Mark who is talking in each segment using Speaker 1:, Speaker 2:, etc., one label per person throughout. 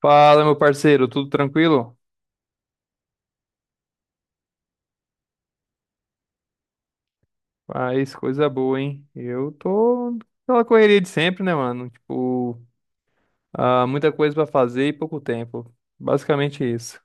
Speaker 1: Fala, meu parceiro, tudo tranquilo? Faz coisa boa, hein? Eu tô naquela correria de sempre, né, mano? Tipo, muita coisa pra fazer e pouco tempo. Basicamente isso.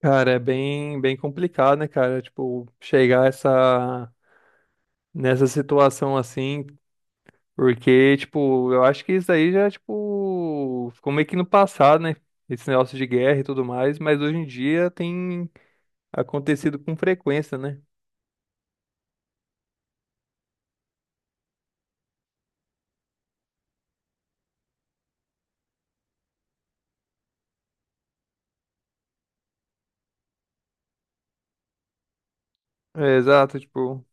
Speaker 1: Cara, é bem complicado, né, cara? Tipo, chegar essa, nessa situação assim, porque, tipo, eu acho que isso aí já, tipo, ficou meio que no passado, né? Esse negócio de guerra e tudo mais, mas hoje em dia tem acontecido com frequência, né? É, exato, tipo.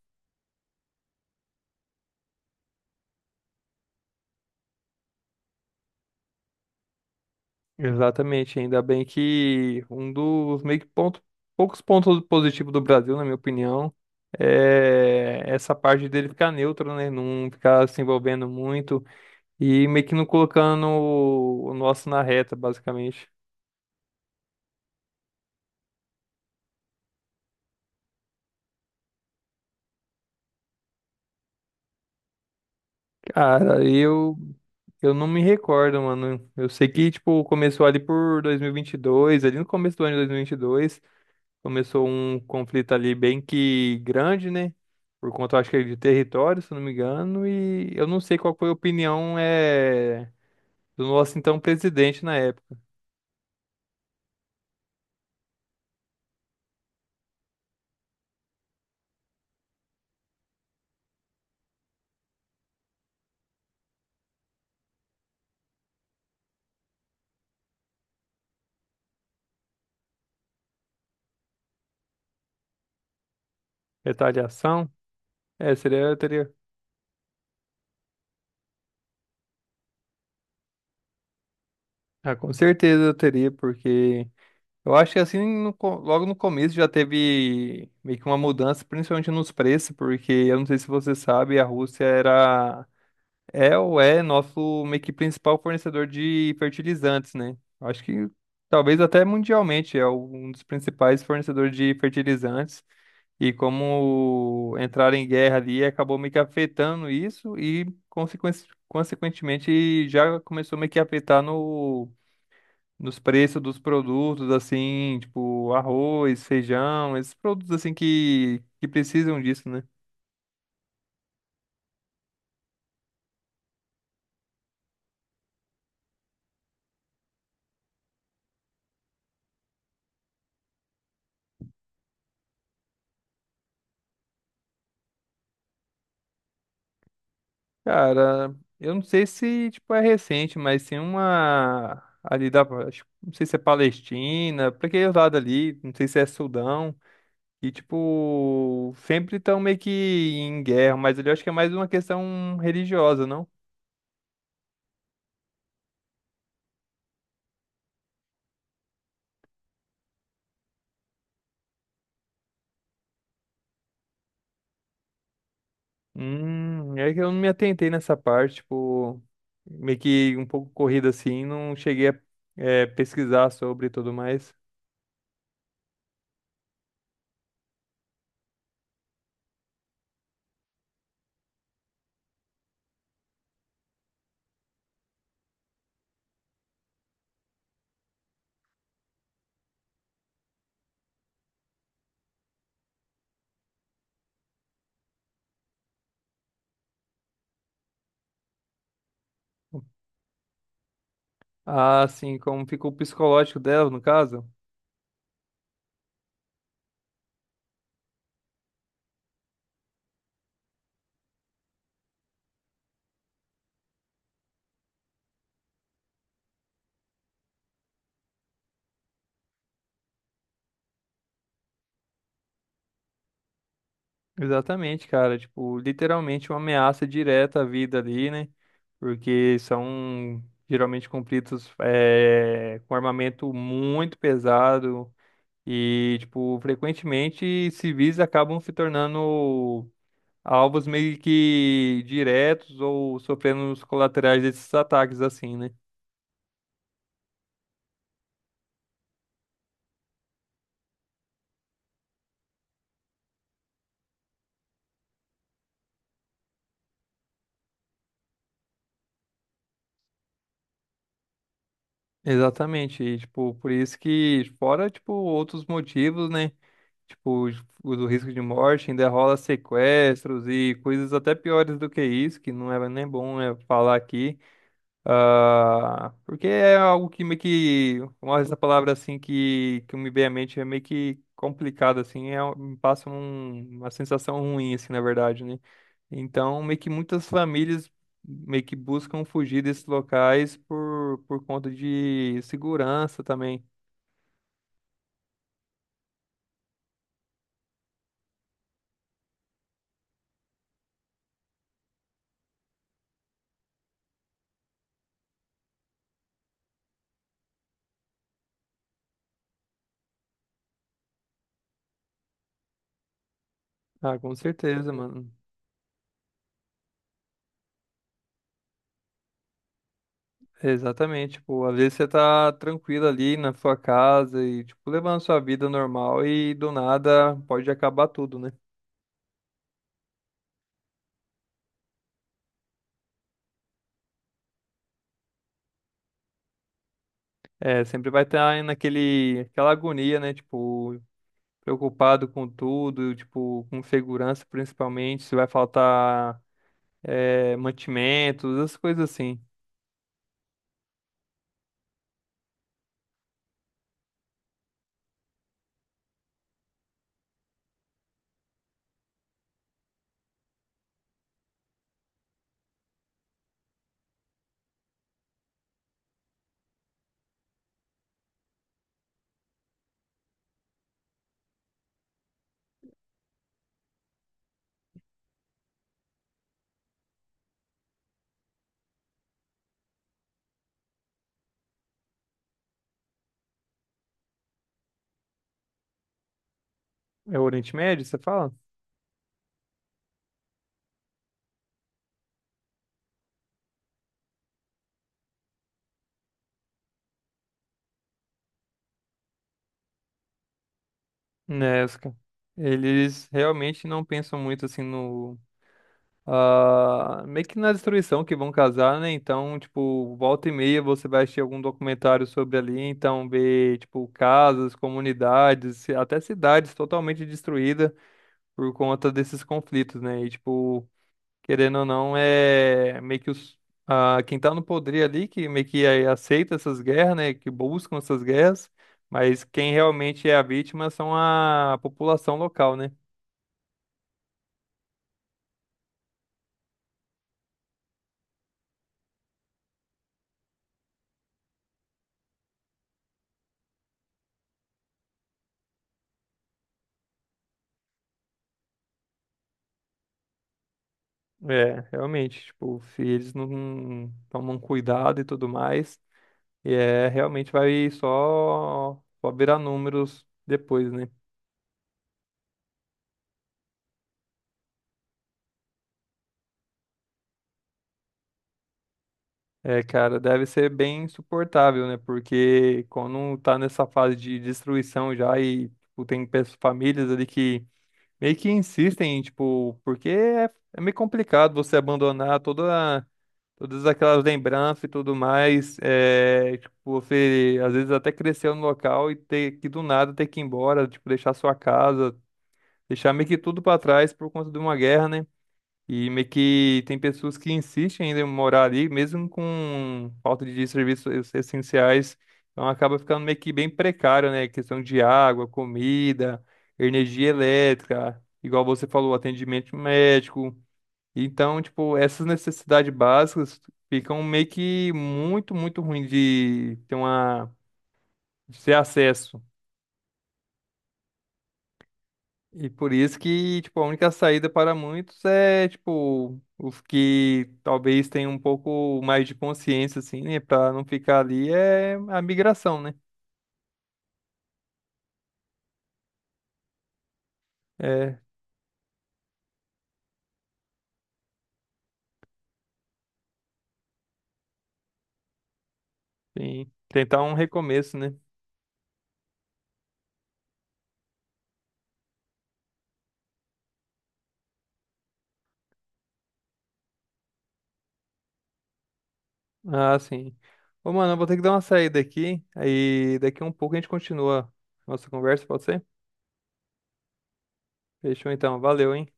Speaker 1: Exatamente, ainda bem que um dos meio que ponto, poucos pontos positivos do Brasil, na minha opinião, é essa parte dele ficar neutro, né? Não ficar se envolvendo muito e meio que não colocando o nosso na reta, basicamente. Cara, eu não me recordo, mano. Eu sei que tipo começou ali por 2022, ali no começo do ano de 2022. Começou um conflito ali bem que grande, né? Por conta, acho que é de território, se não me engano, e eu não sei qual foi a opinião do nosso então presidente na época. Retaliação? É, seria, eu teria. Ah, com certeza eu teria, porque eu acho que assim, logo no começo já teve meio que uma mudança, principalmente nos preços, porque eu não sei se você sabe, a Rússia era É ou é nosso meio que principal fornecedor de fertilizantes, né? Acho que talvez até mundialmente é um dos principais fornecedores de fertilizantes. E como entraram em guerra ali, acabou meio que afetando isso e, consequentemente, já começou meio que a afetar no, nos preços dos produtos, assim, tipo arroz, feijão, esses produtos assim que precisam disso, né? Cara, eu não sei se, tipo, é recente, mas tem uma ali da, não sei se é Palestina, pra aquele lado ali, não sei se é Sudão, e, tipo, sempre estão meio que em guerra, mas ali eu acho que é mais uma questão religiosa, não? É que eu não me atentei nessa parte, tipo, meio que um pouco corrida assim, não cheguei a, pesquisar sobre e tudo mais. Ah, sim, como ficou o psicológico dela, no caso? Exatamente, cara. Tipo, literalmente uma ameaça direta à vida ali, né? Porque são geralmente conflitos com armamento muito pesado e, tipo, frequentemente civis acabam se tornando alvos meio que diretos ou sofrendo os colaterais desses ataques, assim, né? Exatamente. E, tipo, por isso que, fora, tipo, outros motivos, né? Tipo, o do risco de morte ainda rola sequestros e coisas até piores do que isso, que não é nem bom falar aqui. Ah, porque é algo que meio que, uma essa palavra assim que me vem à mente é meio que complicado, assim, é, me passa uma sensação ruim, assim, na verdade, né? Então, meio que muitas famílias meio que buscam fugir desses locais por conta de segurança também. Ah, com certeza, mano. Exatamente, tipo, às vezes você tá tranquilo ali na sua casa e, tipo, levando sua vida normal e do nada pode acabar tudo, né? É, sempre vai estar naquele, aquela agonia, né? Tipo, preocupado com tudo, tipo, com segurança principalmente, se vai faltar, mantimentos, essas coisas assim. É o Oriente Médio, você fala? Né, os ca- Eles realmente não pensam muito assim no meio que na destruição que vão casar, né? Então, tipo, volta e meia você vai assistir algum documentário sobre ali, então ver, tipo, casas, comunidades, até cidades totalmente destruídas por conta desses conflitos, né? E, tipo, querendo ou não, é meio que os, quem tá no poder ali, que meio que aceita essas guerras, né? Que buscam essas guerras, mas quem realmente é a vítima são a população local, né? É, realmente, tipo, se eles não tomam cuidado e tudo mais, é, realmente vai só, só virar números depois, né? É, cara, deve ser bem insuportável, né? Porque quando tá nessa fase de destruição já e tipo, tem famílias ali que meio que insistem, tipo, porque é, é meio complicado você abandonar toda, todas aquelas lembranças e tudo mais. É, tipo, você às vezes até cresceu no local e ter que do nada ter que ir embora, tipo, deixar sua casa, deixar meio que tudo pra trás por conta de uma guerra, né? E meio que tem pessoas que insistem ainda em morar ali, mesmo com falta de serviços essenciais. Então acaba ficando meio que bem precário, né? Questão de água, comida, energia elétrica, igual você falou, atendimento médico. Então, tipo, essas necessidades básicas ficam meio que muito ruim de ter uma, de ter acesso. E por isso que, tipo, a única saída para muitos é, tipo, os que talvez tenham um pouco mais de consciência, assim, né, para não ficar ali, é a migração, né? É, sim, tentar um recomeço, né? Ah, sim. Ô, mano, eu vou ter que dar uma saída aqui, aí daqui a um pouco a gente continua nossa conversa, pode ser? Fechou então, valeu, hein?